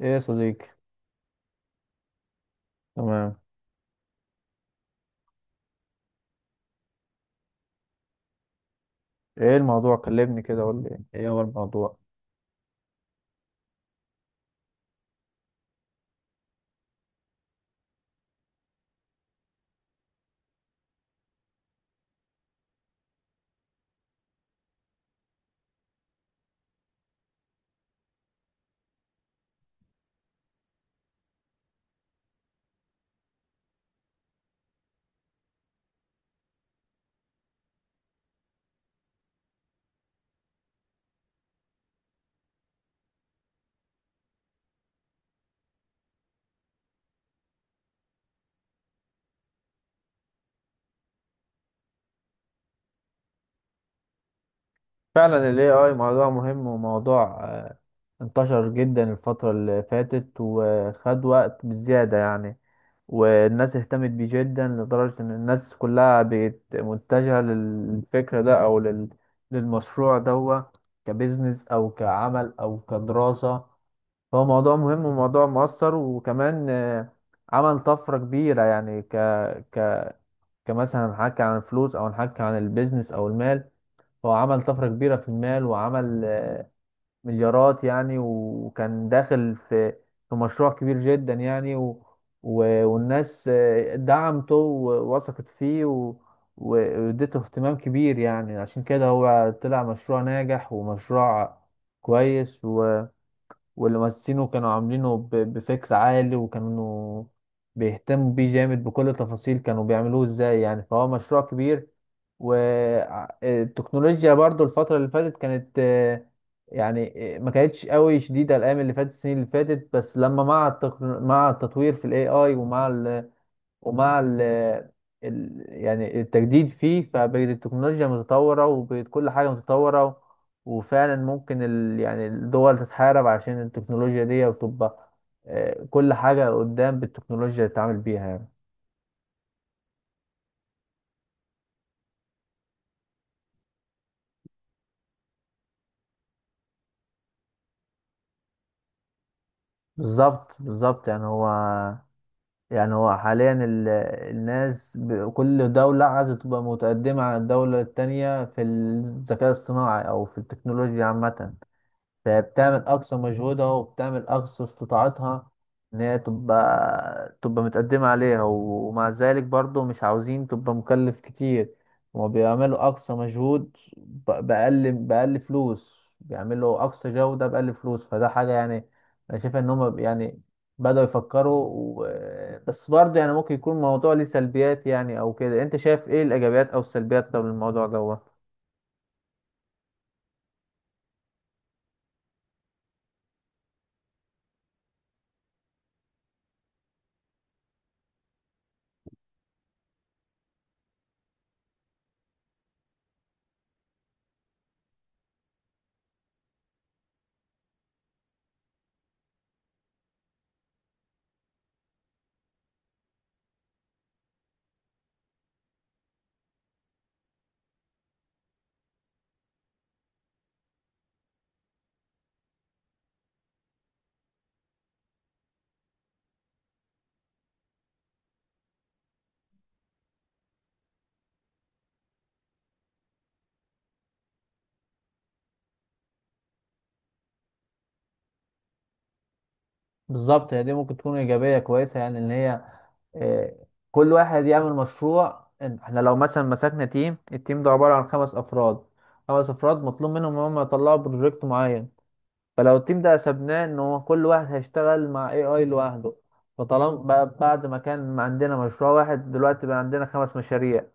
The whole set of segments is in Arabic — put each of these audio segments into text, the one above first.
ايه يا صديقي. تمام. ايه الموضوع؟ كلمني كده، قول لي ايه هو الموضوع. فعلا ال AI موضوع مهم وموضوع انتشر جدا الفترة اللي فاتت وخد وقت بزيادة يعني. والناس اهتمت بيه جدا لدرجة ان الناس كلها بقت متجهة للفكرة ده او للمشروع ده، كبزنس او كعمل او كدراسة. فهو موضوع مهم وموضوع مؤثر وكمان عمل طفرة كبيرة يعني، ك... ك كمثلا هنحكي عن الفلوس او هنحكي عن البيزنس او المال. هو عمل طفرة كبيرة في المال وعمل مليارات يعني، وكان داخل في مشروع كبير جدا يعني. و والناس دعمته ووثقت فيه و واديته اهتمام كبير، يعني عشان كده هو طلع مشروع ناجح ومشروع كويس. واللي مؤسسينه كانوا عاملينه بفكر عالي، وكانوا بيهتموا بيه جامد، بكل تفاصيل كانوا بيعملوه ازاي يعني. فهو مشروع كبير. والتكنولوجيا برضو الفترة اللي فاتت كانت يعني ما كانتش قوي شديدة الأيام اللي فاتت، السنين اللي فاتت. بس لما مع مع التطوير في ال AI ومع ال يعني التجديد فيه، فبقت التكنولوجيا متطورة وبقت كل حاجة متطورة. وفعلا ممكن ال يعني الدول تتحارب عشان التكنولوجيا دي، وتبقى كل حاجة قدام بالتكنولوجيا اللي تتعامل بيها يعني. بالظبط بالظبط. يعني هو حاليا الناس كل دولة عايزة تبقى متقدمة عن الدولة التانية في الذكاء الاصطناعي أو في التكنولوجيا عامة. فبتعمل اقصى مجهودها وبتعمل اقصى استطاعتها ان هي تبقى متقدمة عليها. ومع ذلك برضو مش عاوزين تبقى مكلف كتير. هما بيعملوا اقصى مجهود بأقل فلوس، بيعملوا اقصى جودة بأقل فلوس، فده حاجة يعني. انا شايف ان هما بدأوا يفكروا بس برضه يعني ممكن يكون الموضوع ليه سلبيات يعني او كده. انت شايف ايه الايجابيات او السلبيات طب الموضوع ده؟ بالظبط. هي دي ممكن تكون ايجابيه كويسه، يعني ان هي آه، كل واحد يعمل مشروع. احنا لو مثلا مسكنا تيم، التيم ده عباره عن 5 افراد، 5 افراد مطلوب منهم ان هم يطلعوا بروجكت معين. فلو التيم ده سبناه ان هو كل واحد هيشتغل مع اي اي لوحده، فطالما بقى بعد ما كان عندنا مشروع واحد دلوقتي بقى عندنا 5 مشاريع.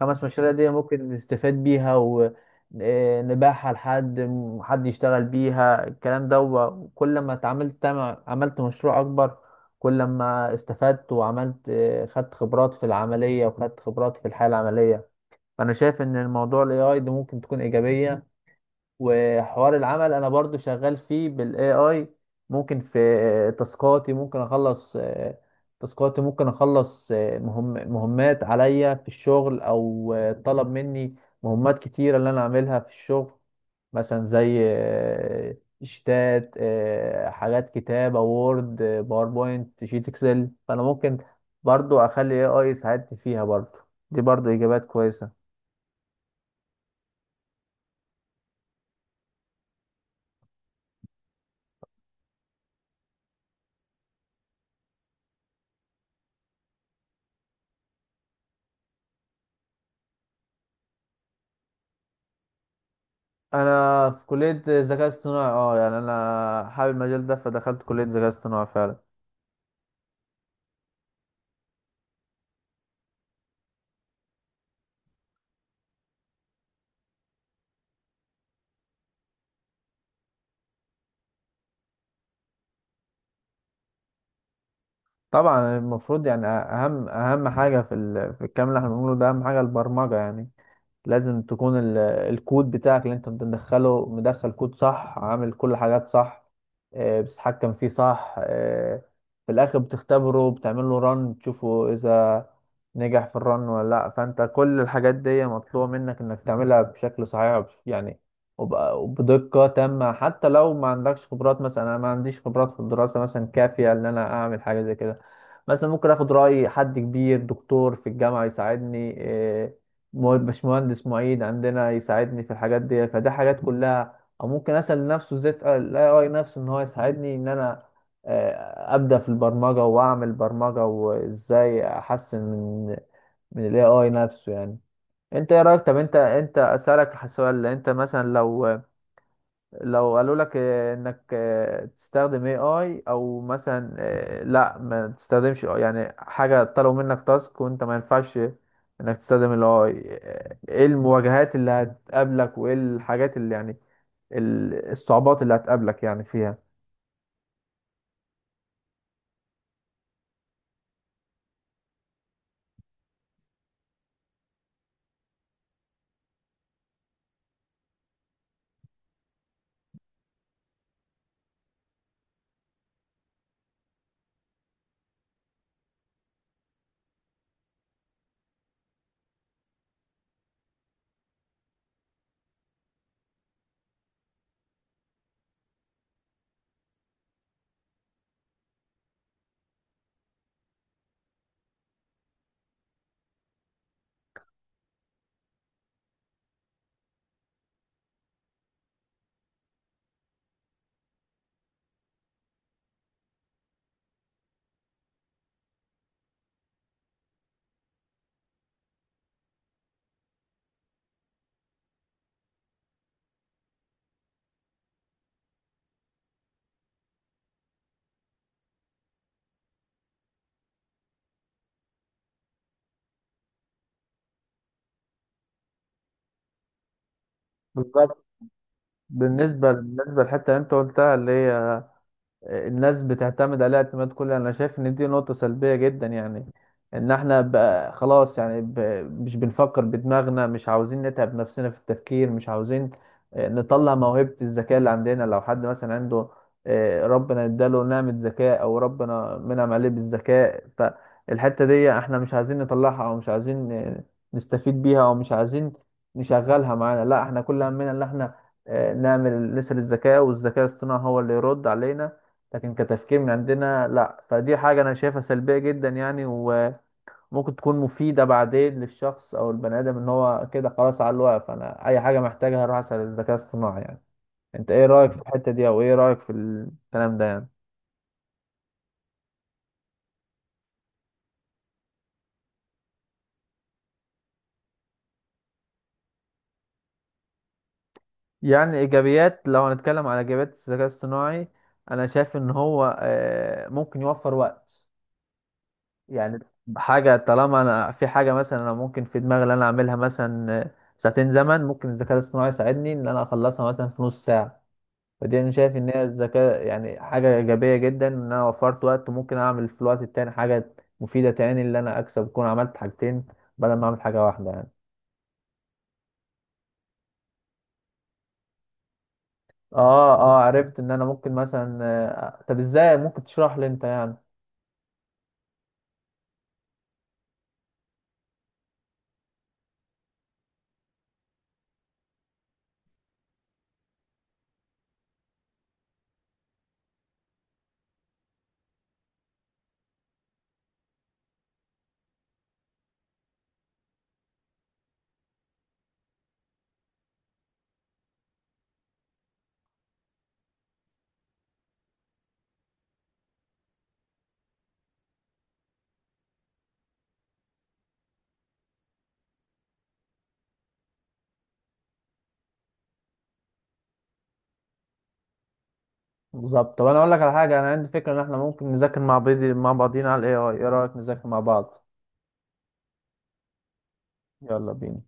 5 مشاريع دي ممكن نستفاد بيها ونباعها حد يشتغل بيها الكلام ده. وكل ما عملت مشروع اكبر، كل ما استفدت وعملت خدت خبرات في العملية وخدت خبرات في الحياة العملية. فأنا شايف إن الموضوع ال AI ده ممكن تكون إيجابية. وحوار العمل انا برضو شغال فيه بالاي اي، ممكن في تاسكاتي ممكن اخلص مهمات عليا في الشغل او طلب مني مهمات كتيرة اللي انا اعملها في الشغل، مثلا زي شتات حاجات كتابة وورد باوربوينت شيت اكسل. فانا ممكن برضو اخلي اي اي يساعدني فيها برضو، دي برضو اجابات كويسة. انا في كليه ذكاء اصطناعي، اه يعني انا حابب المجال ده فدخلت كليه ذكاء اصطناعي فعلا. طبعا المفروض يعني اهم اهم حاجه في في الكلام اللي احنا بنقوله ده، اهم حاجه البرمجه يعني. لازم تكون الكود بتاعك اللي انت بتدخله، مدخل كود صح، عامل كل حاجات صح، بتتحكم فيه صح. في الاخر بتختبره، بتعمل له رن تشوفه اذا نجح في الرن ولا لا. فانت كل الحاجات دي مطلوبة منك انك تعملها بشكل صحيح وبدقة تامة. حتى لو ما عندكش خبرات، مثلا انا ما عنديش خبرات في الدراسة مثلا كافية ان انا اعمل حاجة زي كده، مثلا ممكن اخد رأي حد كبير، دكتور في الجامعة يساعدني، باشمهندس معيد عندنا يساعدني في الحاجات دي. فدي حاجات كلها. او ممكن اسال نفسه ازاي الاي اي نفسه ان هو يساعدني ان انا ابدا في البرمجه واعمل برمجه، وازاي احسن من الاي اي نفسه يعني. انت ايه رايك؟ طب انت اسالك سؤال، انت مثلا لو قالوا لك انك تستخدم اي اي، او مثلا لا ما تستخدمش AI يعني، حاجه طلبوا منك تاسك وانت ما ينفعش انك تستخدم الاي اي، ايه المواجهات اللي هتقابلك وايه الحاجات اللي يعني الصعوبات اللي هتقابلك يعني فيها؟ بالظبط. بالنسبه للحته اللي انت قلتها، اللي هي الناس بتعتمد عليها اعتماد كلي، انا شايف ان دي نقطة سلبية جدا يعني. ان احنا بقى خلاص يعني مش بنفكر بدماغنا، مش عاوزين نتعب نفسنا في التفكير، مش عاوزين نطلع موهبة الذكاء اللي عندنا. لو حد مثلا عنده ربنا اداله نعمة ذكاء او ربنا منعم عليه بالذكاء، فالحتة دي احنا مش عايزين نطلعها، او مش عايزين نستفيد بيها، او مش عايزين نشغلها معانا. لا، احنا كل همنا ان احنا نعمل نسأل الذكاء، والذكاء الاصطناعي هو اللي يرد علينا. لكن كتفكير من عندنا لا. فدي حاجة أنا شايفها سلبية جدا يعني. وممكن تكون مفيدة بعدين للشخص أو البني آدم إن هو كده خلاص على الواقف، أنا أي حاجة محتاجها أروح أسأل الذكاء الاصطناعي يعني. أنت إيه رأيك في الحتة دي؟ أو إيه رأيك في الكلام ده يعني؟ يعني إيجابيات، لو هنتكلم على إيجابيات الذكاء الاصطناعي، أنا شايف إن هو ممكن يوفر وقت يعني. حاجة طالما أنا في حاجة، مثلا أنا ممكن في دماغي إن أنا أعملها مثلا 2 ساعة زمن، ممكن الذكاء الاصطناعي يساعدني إن أنا أخلصها مثلا في نص ساعة. فدي انا شايف ان هي الذكاء يعني حاجه ايجابيه جدا، ان انا وفرت وقت ممكن اعمل في الوقت التاني حاجه مفيده تاني، اللي انا اكسب اكون عملت حاجتين بدل ما اعمل حاجه واحده يعني. اه، اه عرفت ان انا ممكن مثلا طب ازاي ممكن تشرح لي انت يعني؟ بالظبط. طب انا اقول لك على حاجه، انا عندي فكره ان احنا ممكن نذاكر مع بعض، مع بعضينا على الاي اي. ايه رايك نذاكر مع بعض؟ يلا بينا.